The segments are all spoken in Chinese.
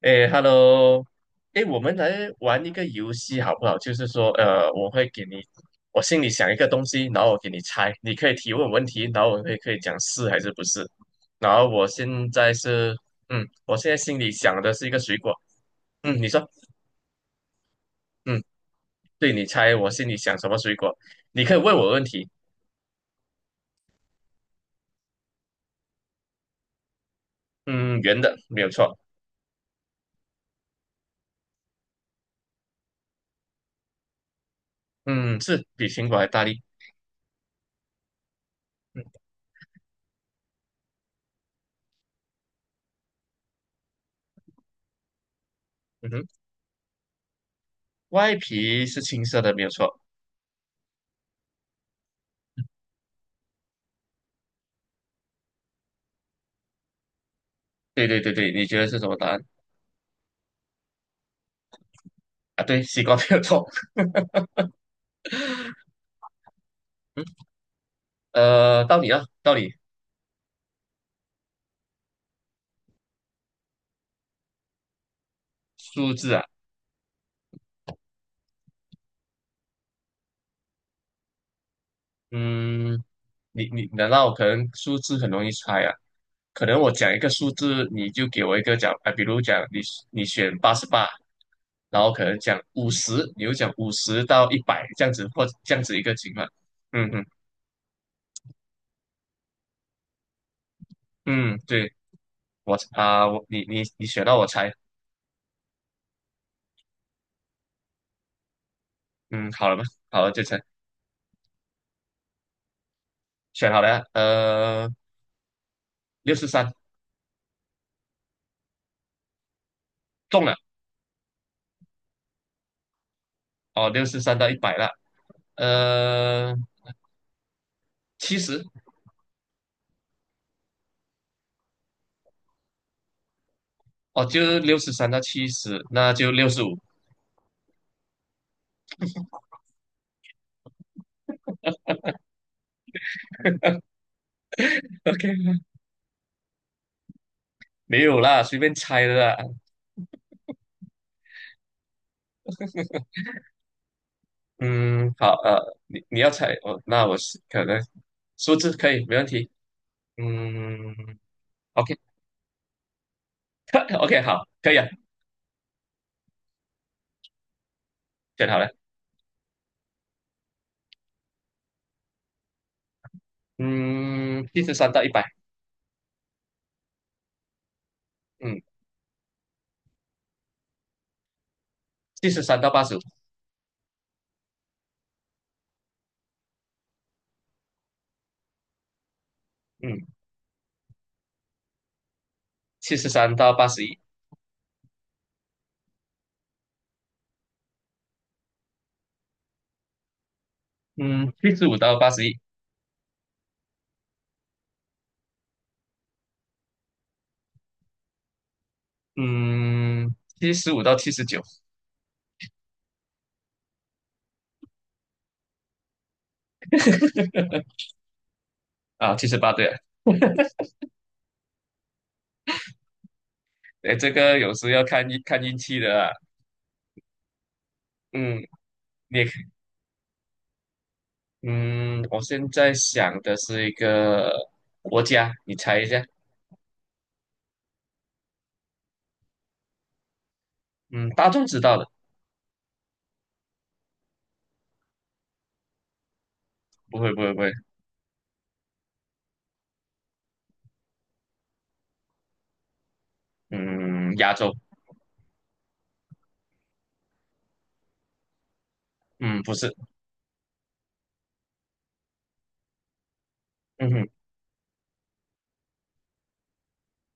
哎，Hello。哎，我们来玩一个游戏好不好？就是说，我会给你，我心里想一个东西，然后我给你猜。你可以提问问题，然后我会可以讲是还是不是。然后我现在是，我现在心里想的是一个水果。嗯，你说。嗯，对，你猜我心里想什么水果？你可以问我问题。嗯，圆的，没有错。嗯，是比苹果还大力。嗯嗯哼，外皮是青色的，没有错。对对对对，你觉得是什么答案？啊，对，西瓜没有错。到你啊，到你。数字啊。嗯，你难道可能数字很容易猜啊？可能我讲一个数字，你就给我一个讲啊，比如讲你选88，然后可能讲五十，你就讲五十到一百这样子，或这样子一个情况。嗯嗯嗯，对，我啊，我你选到我猜。嗯，好了吗？好了，就猜。选好了啊。六十三中了。哦，六十三到一百了。呃，七十。哦，就六十三到七十，那就65。OK，没有啦，随便猜的啦。嗯，好，你要猜。哦，那我是可能数字可以，没问题。嗯，OK，OK，好，可以啊。选好了。嗯，七十三到一百。嗯，七十三到85。嗯，七十三到八十一。嗯，七十五到八十一。嗯，七十五到79。啊，78对了。哎，这个有时要看运气的啊。嗯，你也。嗯，我现在想的是一个国家，你猜一下。嗯，大众知道的。不会不会不会。嗯，亚洲。嗯，不是。嗯哼。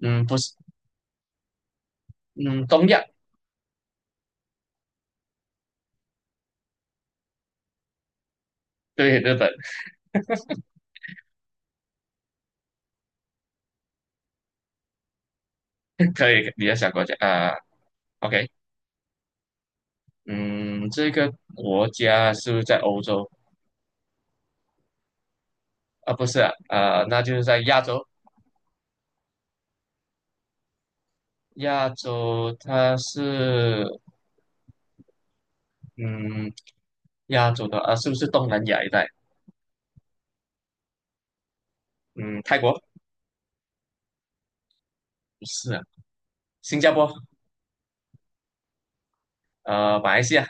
嗯，不是。嗯，东亚。对，日本。可以，你要想国家啊。OK。嗯，这个国家是不是在欧洲啊？不是啊。啊，那就是在亚洲。亚洲它是，嗯，亚洲的啊，是不是东南亚一带？嗯，泰国。不是啊，新加坡，马来西亚。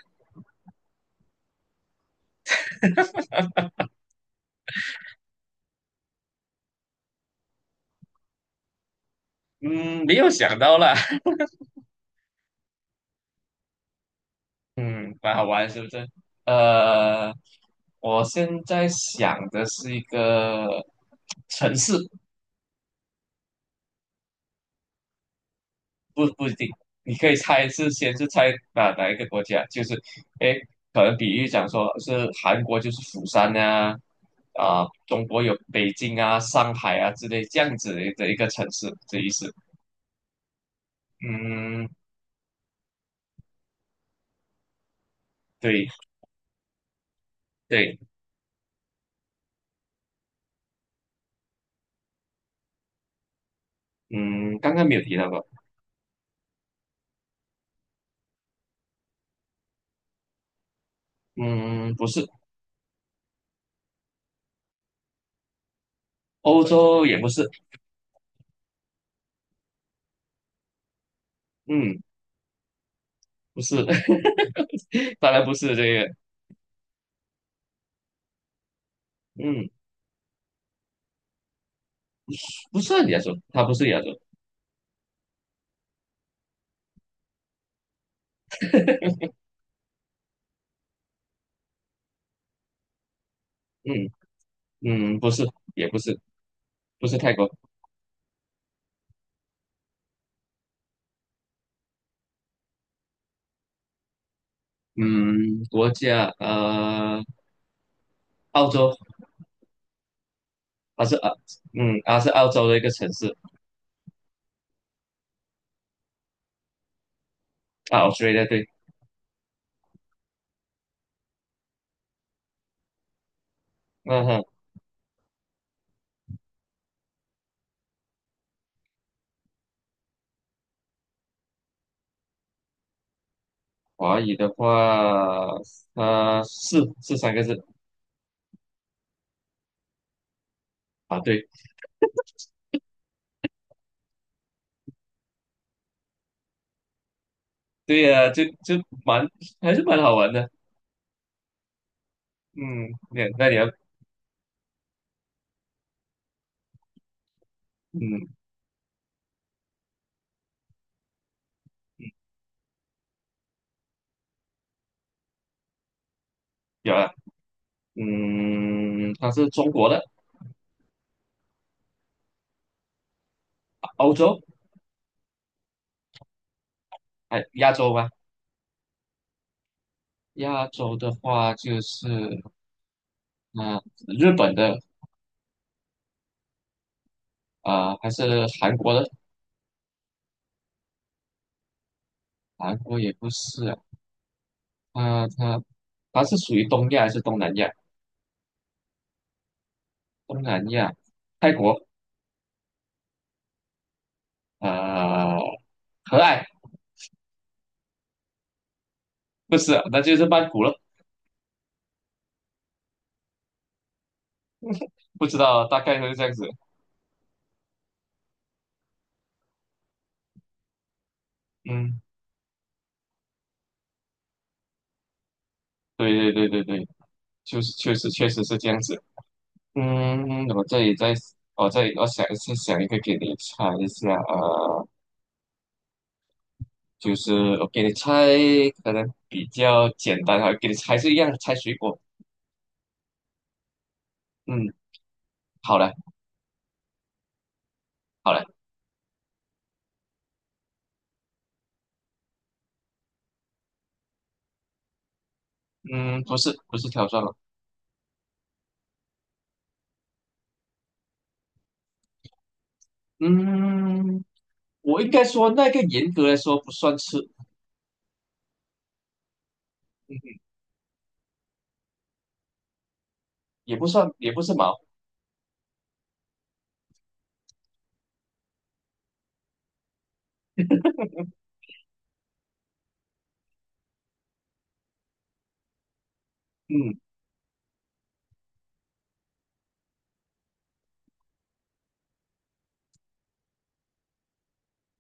嗯，没有想到啦。嗯，蛮好玩，是不是？呃，我现在想的是一个城市。不不一定，你可以猜是先是猜哪一个国家，就是，诶，可能比喻讲说是韩国就是釜山啊，啊、中国有北京啊、上海啊之类这样子的一的一个城市这意思。嗯，对对。嗯，刚刚没有提到过。嗯，不是。欧洲也不是。嗯。不是，当然不是这个。嗯，不是亚洲，它不是亚洲。嗯嗯，不是。也不是，不是泰国。嗯，国家，澳洲。它是啊。嗯，它是澳洲的一个城市。啊，Australia 对。嗯哼，华语的话，是三个字啊。对对呀、就蛮还是蛮好玩的。嗯，那你要。嗯，有啊。嗯，它是中国的。欧洲。哎，亚洲吗？亚洲的话，就是日本的。啊、还是韩国的？韩国也不是啊。它它它是属于东亚还是东南亚？东南亚。泰国。呃，和爱。不是啊那就是曼谷了。不知道，大概就是这样子。嗯，对对对对对，就是确实确实是这样子。嗯，我这里再，我这里我想再想一个给你猜一下啊、呃就是我给你猜，可能比较简单啊，给你猜是一样猜水果。嗯，好嘞，好嘞。嗯，不是不是挑战了。嗯，我应该说那个严格来说不算吃。也不算也不是毛。嗯，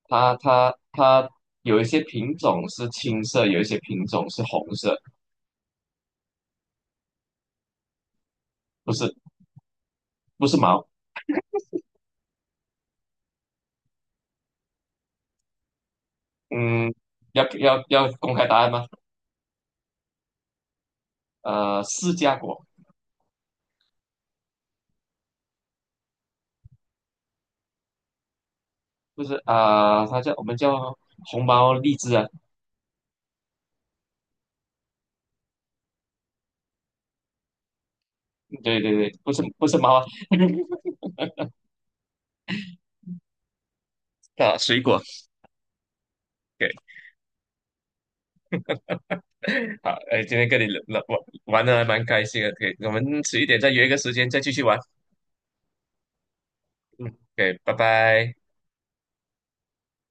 它有一些品种是青色，有一些品种是红色。不是不是毛。嗯，要公开答案吗？释迦果。不是啊、它叫我们叫红毛荔枝啊。对对对，不是不是毛啊。啊水果。对。好，哎，今天跟你聊玩玩的还蛮开心的，可以，我们迟一点再约一个时间再继续玩。嗯对，拜拜。